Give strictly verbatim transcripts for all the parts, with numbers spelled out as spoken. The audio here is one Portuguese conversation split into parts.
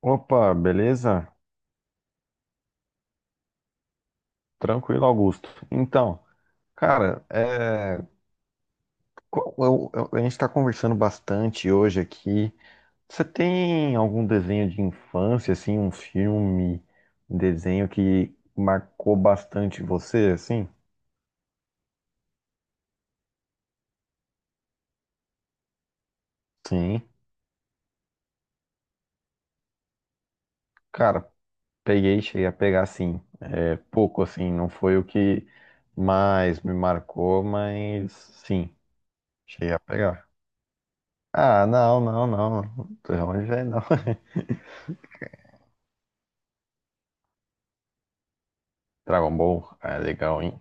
Opa, beleza? Tranquilo, Augusto. Então, cara, é, co- eu- eu- a gente está conversando bastante hoje aqui. Você tem algum desenho de infância, assim, um filme, um desenho que marcou bastante você, assim? Sim, cara, peguei, cheguei a pegar, sim. É pouco, assim, não foi o que mais me marcou, mas sim, cheguei a pegar. Ah, não, não, não. De onde vem, não. Dragon Ball é legal, hein?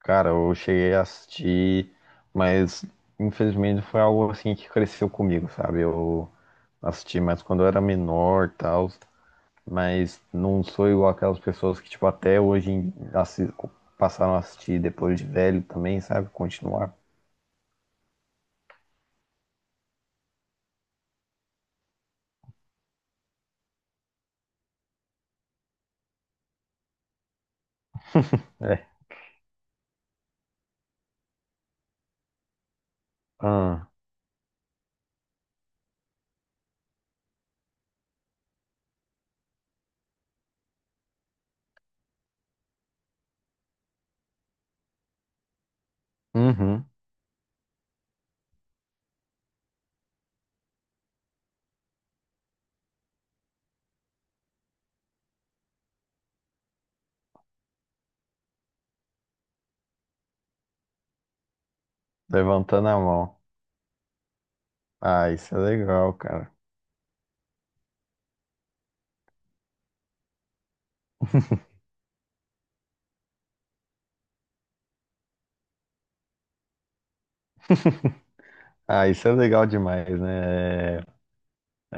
Cara, eu cheguei a assistir, mas infelizmente foi algo assim que cresceu comigo, sabe? Eu assisti mais quando eu era menor, tal, mas não sou igual aquelas pessoas que, tipo, até hoje em- assi- passaram a assistir depois de velho também, sabe? Continuar. É. Ah, uhum. Levantando a mão. Ah, isso é legal, cara. Ah, isso é legal demais, né?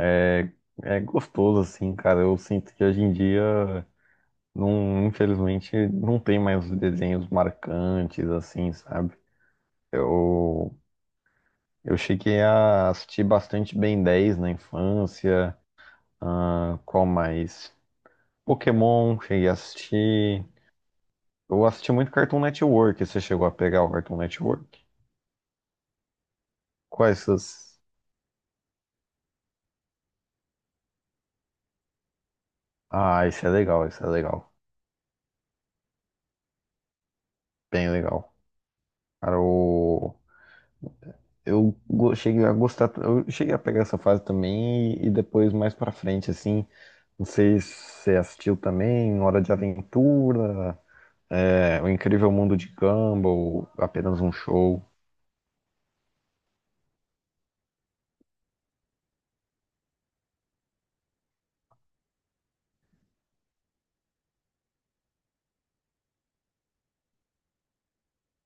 É, é gostoso, assim, cara. Eu sinto que hoje em dia. Não, infelizmente, não tem mais desenhos marcantes, assim, sabe? Eu, eu cheguei a assistir bastante Ben dez na infância. Ah, qual mais? Pokémon, cheguei a assistir. Eu assisti muito Cartoon Network. Você chegou a pegar o Cartoon Network? Quais essas? Ah, esse é legal, esse é legal. Bem legal. Cara, o... eu go- cheguei a gostar. Eu cheguei a pegar essa fase também e depois, mais pra frente, assim. Não sei se você assistiu também Hora de Aventura, é, O Incrível Mundo de Gumball, apenas um show.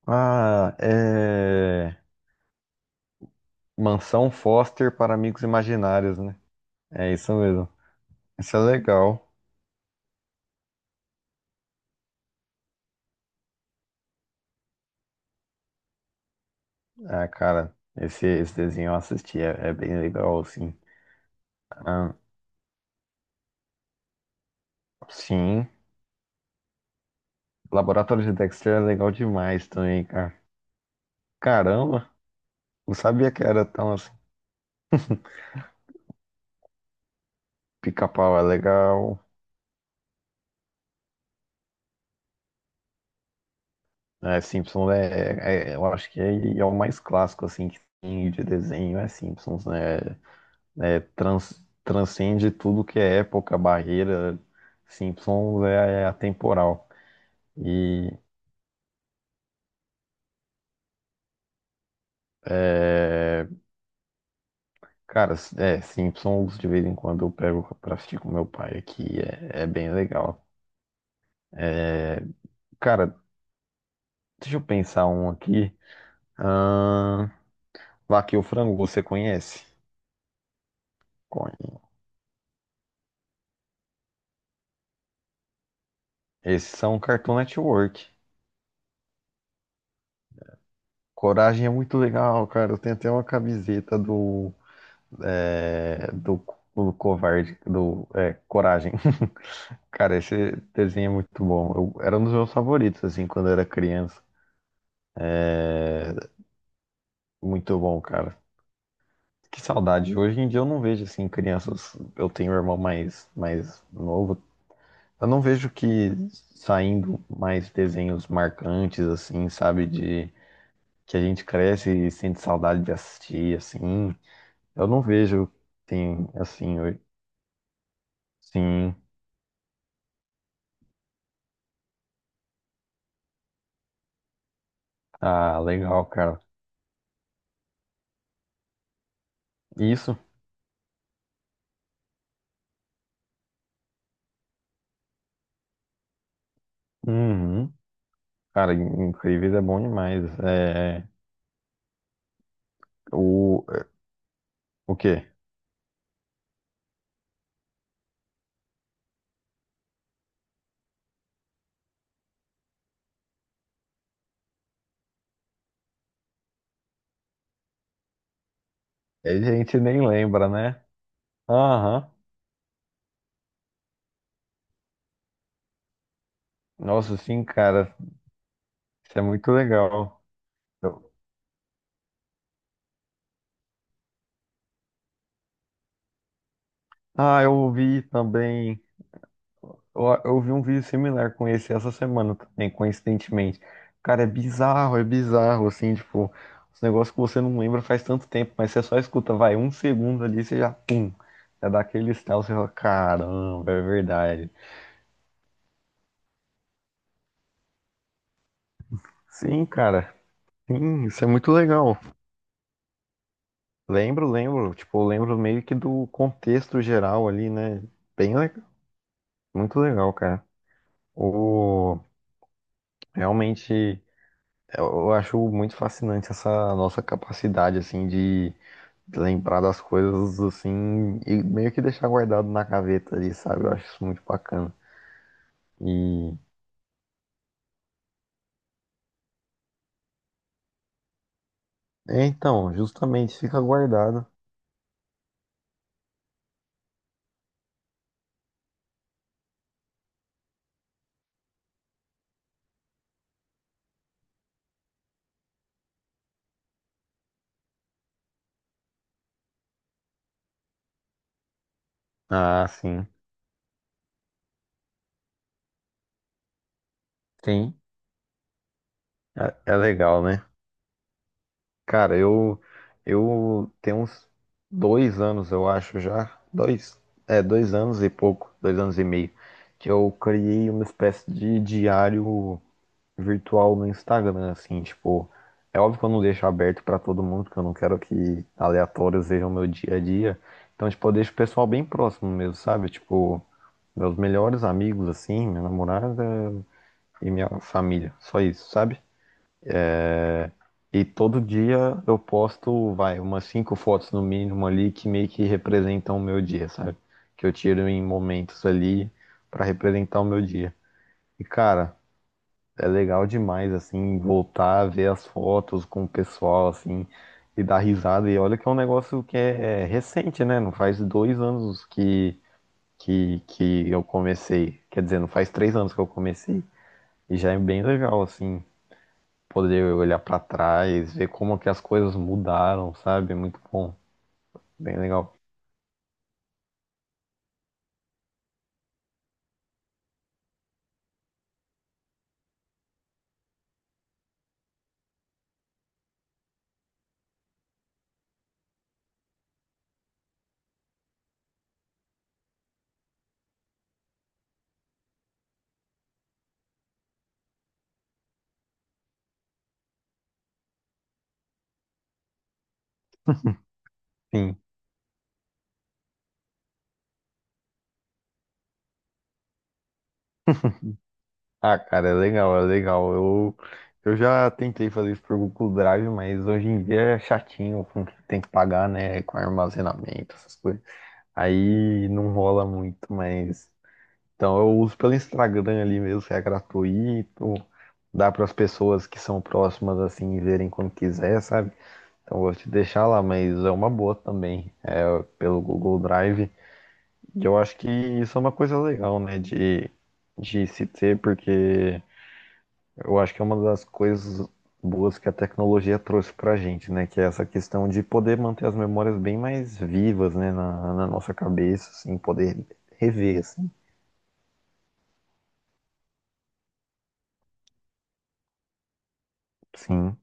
Ah, é Mansão Foster para Amigos Imaginários, né? É isso mesmo. Isso é legal. Ah, cara, esse, esse desenho eu assisti, é, é bem legal, assim. Ah, sim. Laboratório de Dexter é legal demais também, cara. Caramba, não sabia que era tão assim. Pica-pau é legal. É, Simpsons é, é- é, eu acho que é, é o mais clássico assim que tem de desenho, é Simpsons, né? É, trans- transcende tudo que é época, barreira. Simpsons é, é atemporal. E é, cara, é, Simpsons de vez em quando eu pego pra assistir com meu pai aqui, é, é bem legal. É, cara, deixa eu pensar um aqui. Ahn, Vaca e o Frango, você conhece? Conhe- Esses são Cartoon Network. Coragem é muito legal, cara. Eu tenho até uma camiseta do, é, do, do Covarde, do é, Coragem. Cara, esse desenho é muito bom. Eu, era um dos meus favoritos, assim, quando eu era criança. Muito bom, cara. Que saudade. Hoje em dia eu não vejo, assim, crianças. Eu tenho um irmão mais, mais novo. Eu não vejo que saindo mais desenhos marcantes, assim, sabe? De que a gente cresce e sente saudade de assistir, assim. Eu não vejo, tem, assim, hoje. Sim. Ah, legal, cara. Isso. Uhum. Cara, incrível é bom demais. É, o, o quê? A gente nem lembra, né? Aham. Nossa, sim, cara. Isso é muito legal. Eu- ah, eu ouvi também. Eu, eu vi um vídeo similar com esse essa semana também, coincidentemente. Cara, é bizarro, é bizarro, assim, tipo, os negócios que você não lembra faz tanto tempo, mas você só escuta, vai, um segundo ali, você já, pum, já dá aquele estalo, você fala, caramba, é verdade. Sim, cara, sim, isso é muito legal. Lembro, lembro, tipo, eu lembro meio que do contexto geral ali, né? Bem legal, muito legal, cara. O, realmente, eu eu acho muito fascinante essa nossa capacidade, assim, de lembrar das coisas assim e meio que deixar guardado na gaveta ali, sabe? Eu acho isso muito bacana. E é, então, justamente fica guardado. Ah, sim. Sim. É, é legal, né? Cara, eu eu tenho uns dois anos, eu acho já. Dois, é, dois anos e pouco, dois anos e meio, que eu criei uma espécie de diário virtual no Instagram, assim, tipo, é óbvio que eu não deixo aberto pra todo mundo, porque eu não quero que aleatórios vejam meu dia a dia. Então, tipo, eu deixo o pessoal bem próximo mesmo, sabe? Tipo, meus melhores amigos, assim, minha namorada e minha família, só isso, sabe? E todo dia eu posto, vai, umas cinco fotos no mínimo ali que meio que representam o meu dia, sabe? Que eu tiro em momentos ali pra representar o meu dia. E, cara, é legal demais, assim, voltar a ver as fotos com o pessoal, assim, e dar risada. E olha que é um negócio que é, é recente, né? Não faz dois anos que, que, que eu comecei. Quer dizer, não faz três anos que eu comecei. E já é bem legal, assim, poder olhar pra trás, ver como que as coisas mudaram, sabe? É muito bom, bem legal. Sim. Ah, cara, é legal, é legal. Eu, eu já tentei fazer isso por Google Drive, mas hoje em dia é chatinho com o que tem que pagar, né? Com armazenamento, essas coisas. Aí não rola muito, mas. Então eu uso pelo Instagram ali mesmo, que é gratuito. Dá para as pessoas que são próximas assim verem quando quiser, sabe? Então eu vou te deixar lá, mas é uma boa também, é pelo Google Drive. E eu acho que isso é uma coisa legal, né? De, de se ter, porque. Eu acho que é uma das coisas boas que a tecnologia trouxe pra gente, né? Que é essa questão de poder manter as memórias bem mais vivas, né? Na, na nossa cabeça, assim, poder rever, assim. Sim,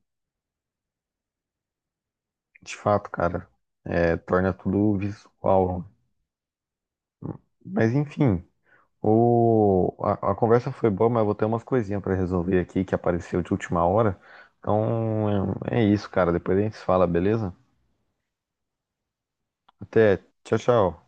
de fato, cara. É, torna tudo visual. Mas enfim, o, a, a conversa foi boa, mas eu vou ter umas coisinhas pra resolver aqui que apareceu de última hora. Então é é isso, cara. Depois a gente se fala, beleza? Até. Tchau, tchau.